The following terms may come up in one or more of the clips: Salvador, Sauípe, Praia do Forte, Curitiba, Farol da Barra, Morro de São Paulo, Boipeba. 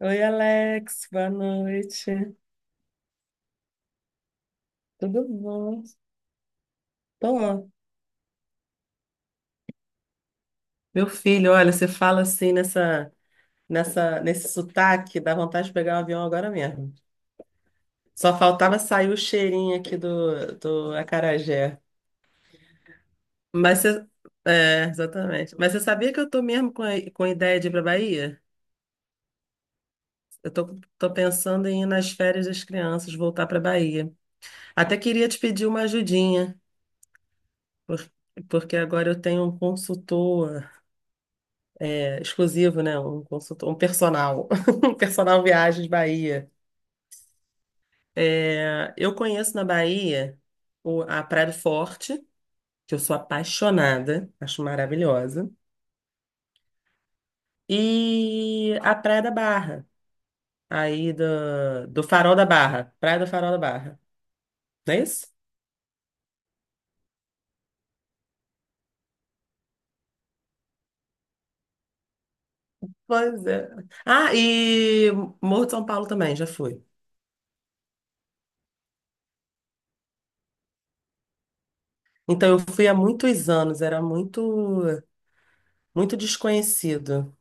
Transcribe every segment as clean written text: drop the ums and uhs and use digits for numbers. Oi, Alex, boa noite. Tudo bom? Tô. Meu filho, olha, você fala assim nessa, nesse sotaque, dá vontade de pegar um avião agora mesmo. Só faltava sair o cheirinho aqui do acarajé. Mas você, é, exatamente. Mas você sabia que eu tô mesmo com a ideia de ir pra Bahia? Eu tô, Tô pensando em ir nas férias das crianças, voltar pra Bahia. Até queria te pedir uma ajudinha, por- porque agora eu tenho um consultor exclusivo, né? Um consultor, um personal, um personal Viagens Bahia. É, eu conheço na Bahia a Praia do Forte, que eu sou apaixonada, acho maravilhosa, e a Praia da Barra, aí do Farol da Barra, Praia do Farol da Barra, não é isso? Pois é. Ah, e Morro de São Paulo também, já fui. Então, eu fui há muitos anos, era muito desconhecido.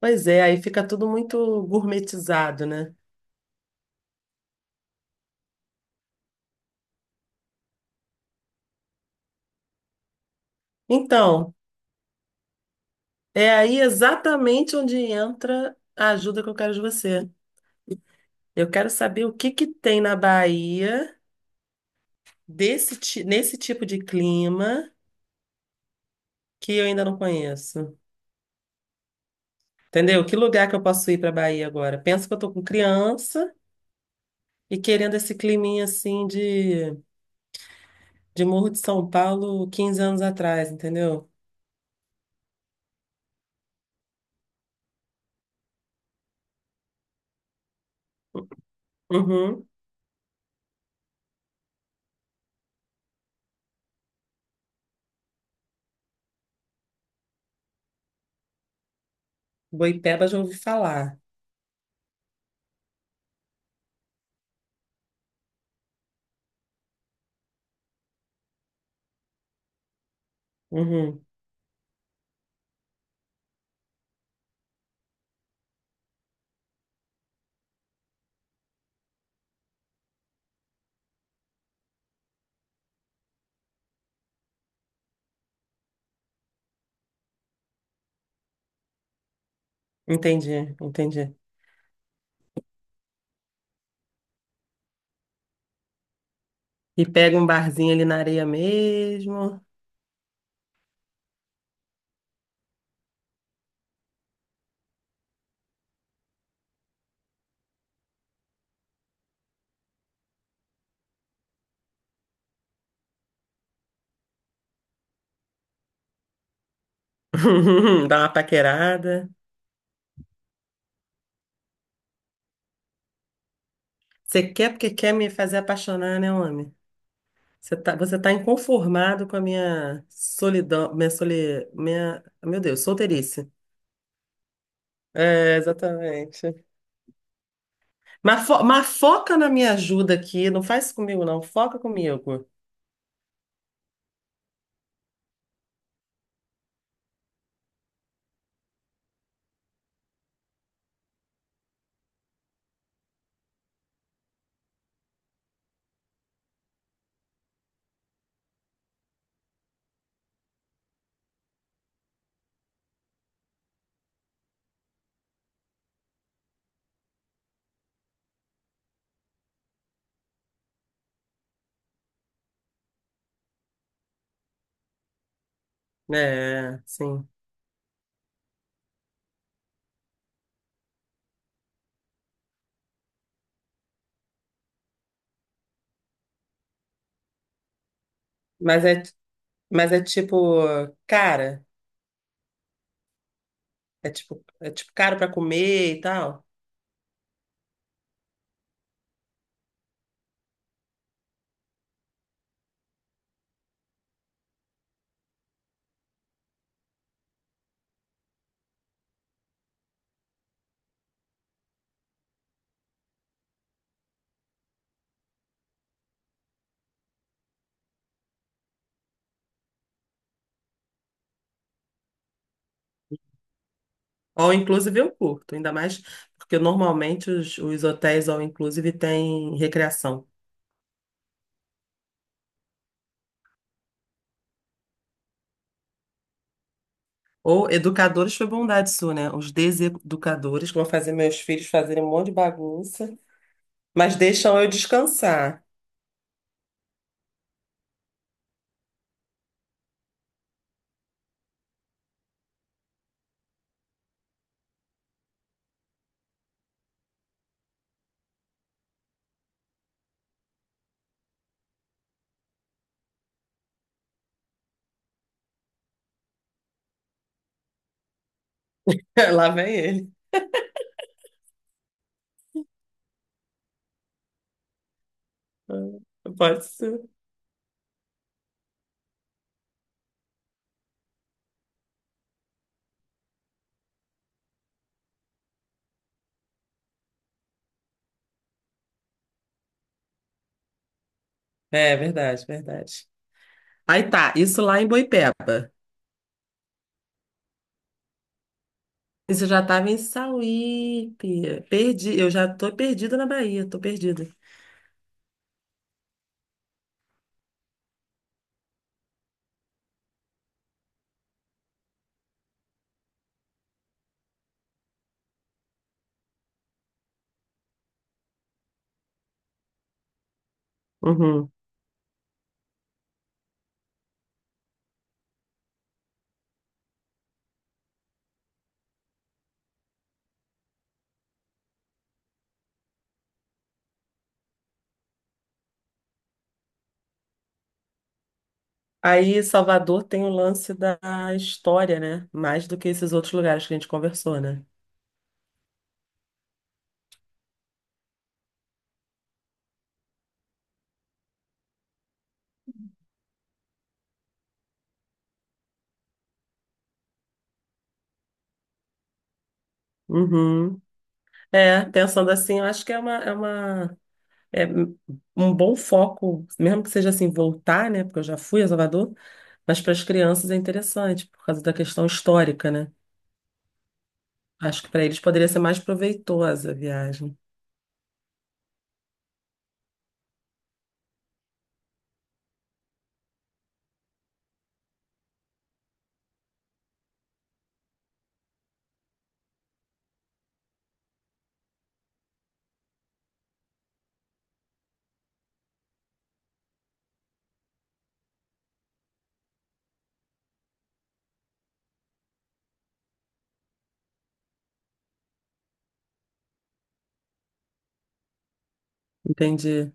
Pois é, aí fica tudo muito gourmetizado, né? Então, é aí exatamente onde entra a ajuda que eu quero de você. Eu quero saber o que que tem na Bahia nesse tipo de clima que eu ainda não conheço. Entendeu? Que lugar que eu posso ir para Bahia agora? Pensa que eu tô com criança e querendo esse climinha assim de Morro de São Paulo 15 anos atrás, entendeu? Uhum. Boipeba já ouvi falar. Uhum. Entendi, entendi. E pega um barzinho ali na areia mesmo. Dá uma paquerada. Você quer porque quer me fazer apaixonar, né, homem? Você tá inconformado com a minha solidão, meu Deus, solteirice. É, exatamente. Mas foca na minha ajuda aqui, não faz isso comigo, não, foca comigo. É, sim. Mas é, mas é tipo, cara, é tipo caro pra comer e tal. All inclusive eu curto, ainda mais porque normalmente os hotéis all inclusive têm recreação. Ou educadores foi bondade sua, né? Os deseducadores que vão fazer meus filhos fazerem um monte de bagunça, mas deixam eu descansar. Lá vem ele. Ah, pode ser. É verdade, verdade. Aí tá, isso lá em Boipeba. Isso eu já tava em Sauípe. Perdi, eu já tô perdida na Bahia, tô perdida. Uhum. Aí, Salvador tem o lance da história, né? Mais do que esses outros lugares que a gente conversou, né? Uhum. É, pensando assim, eu acho que é é um bom foco, mesmo que seja assim, voltar, né? Porque eu já fui a Salvador, mas para as crianças é interessante, por causa da questão histórica, né? Acho que para eles poderia ser mais proveitosa a viagem. Entendi.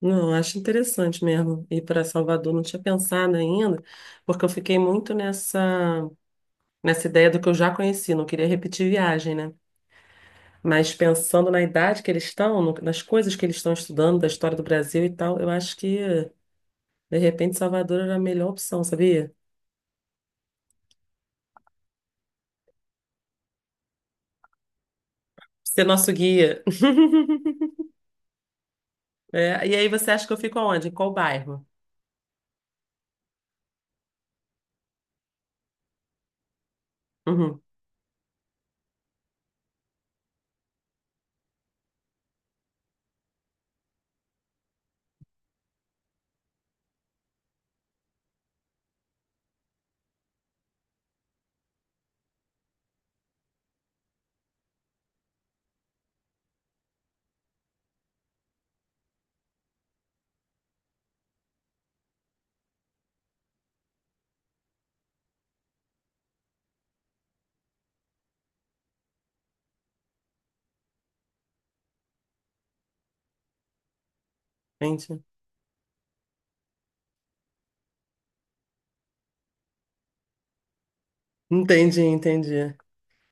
Não, acho interessante mesmo ir para Salvador. Não tinha pensado ainda, porque eu fiquei muito nessa ideia do que eu já conheci, não queria repetir viagem, né? Mas pensando na idade que eles estão, nas coisas que eles estão estudando, da história do Brasil e tal, eu acho que, de repente, Salvador era a melhor opção, sabia? Ser nosso guia. É, e aí você acha que eu fico aonde? Em qual bairro? Uhum, entendi. Entendi, entendi.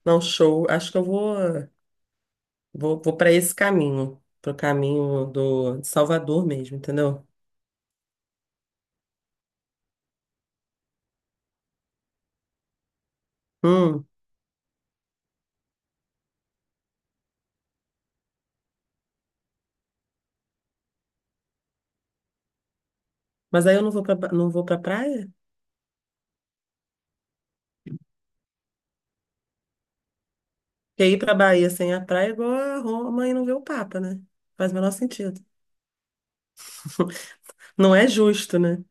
Não, show. Acho que vou para esse caminho, pro caminho do de Salvador mesmo, entendeu? Hum, mas aí eu não vou para não vou para praia? Porque ir pra Bahia sem a praia é igual a Roma e não ver o Papa, né? Faz o menor sentido. Não é justo, né?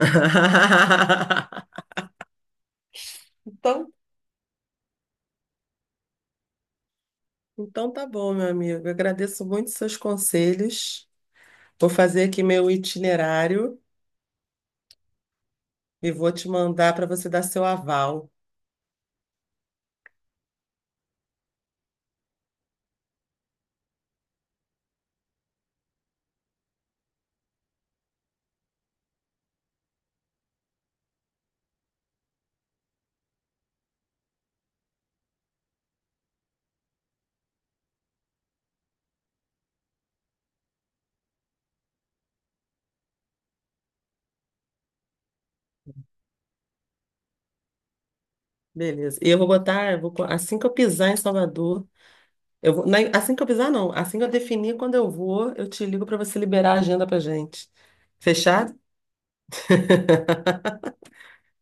Então, então tá bom, meu amigo. Eu agradeço muito seus conselhos. Vou fazer aqui meu itinerário e vou te mandar para você dar seu aval. Beleza. E eu vou botar, assim que eu pisar em Salvador, assim que eu pisar, não. Assim que eu definir quando eu vou, eu te ligo para você liberar a agenda pra gente. Fechado?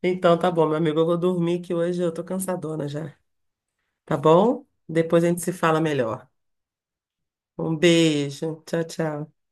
Então tá bom, meu amigo. Eu vou dormir que hoje eu tô cansadona já. Tá bom? Depois a gente se fala melhor. Um beijo. Tchau, tchau.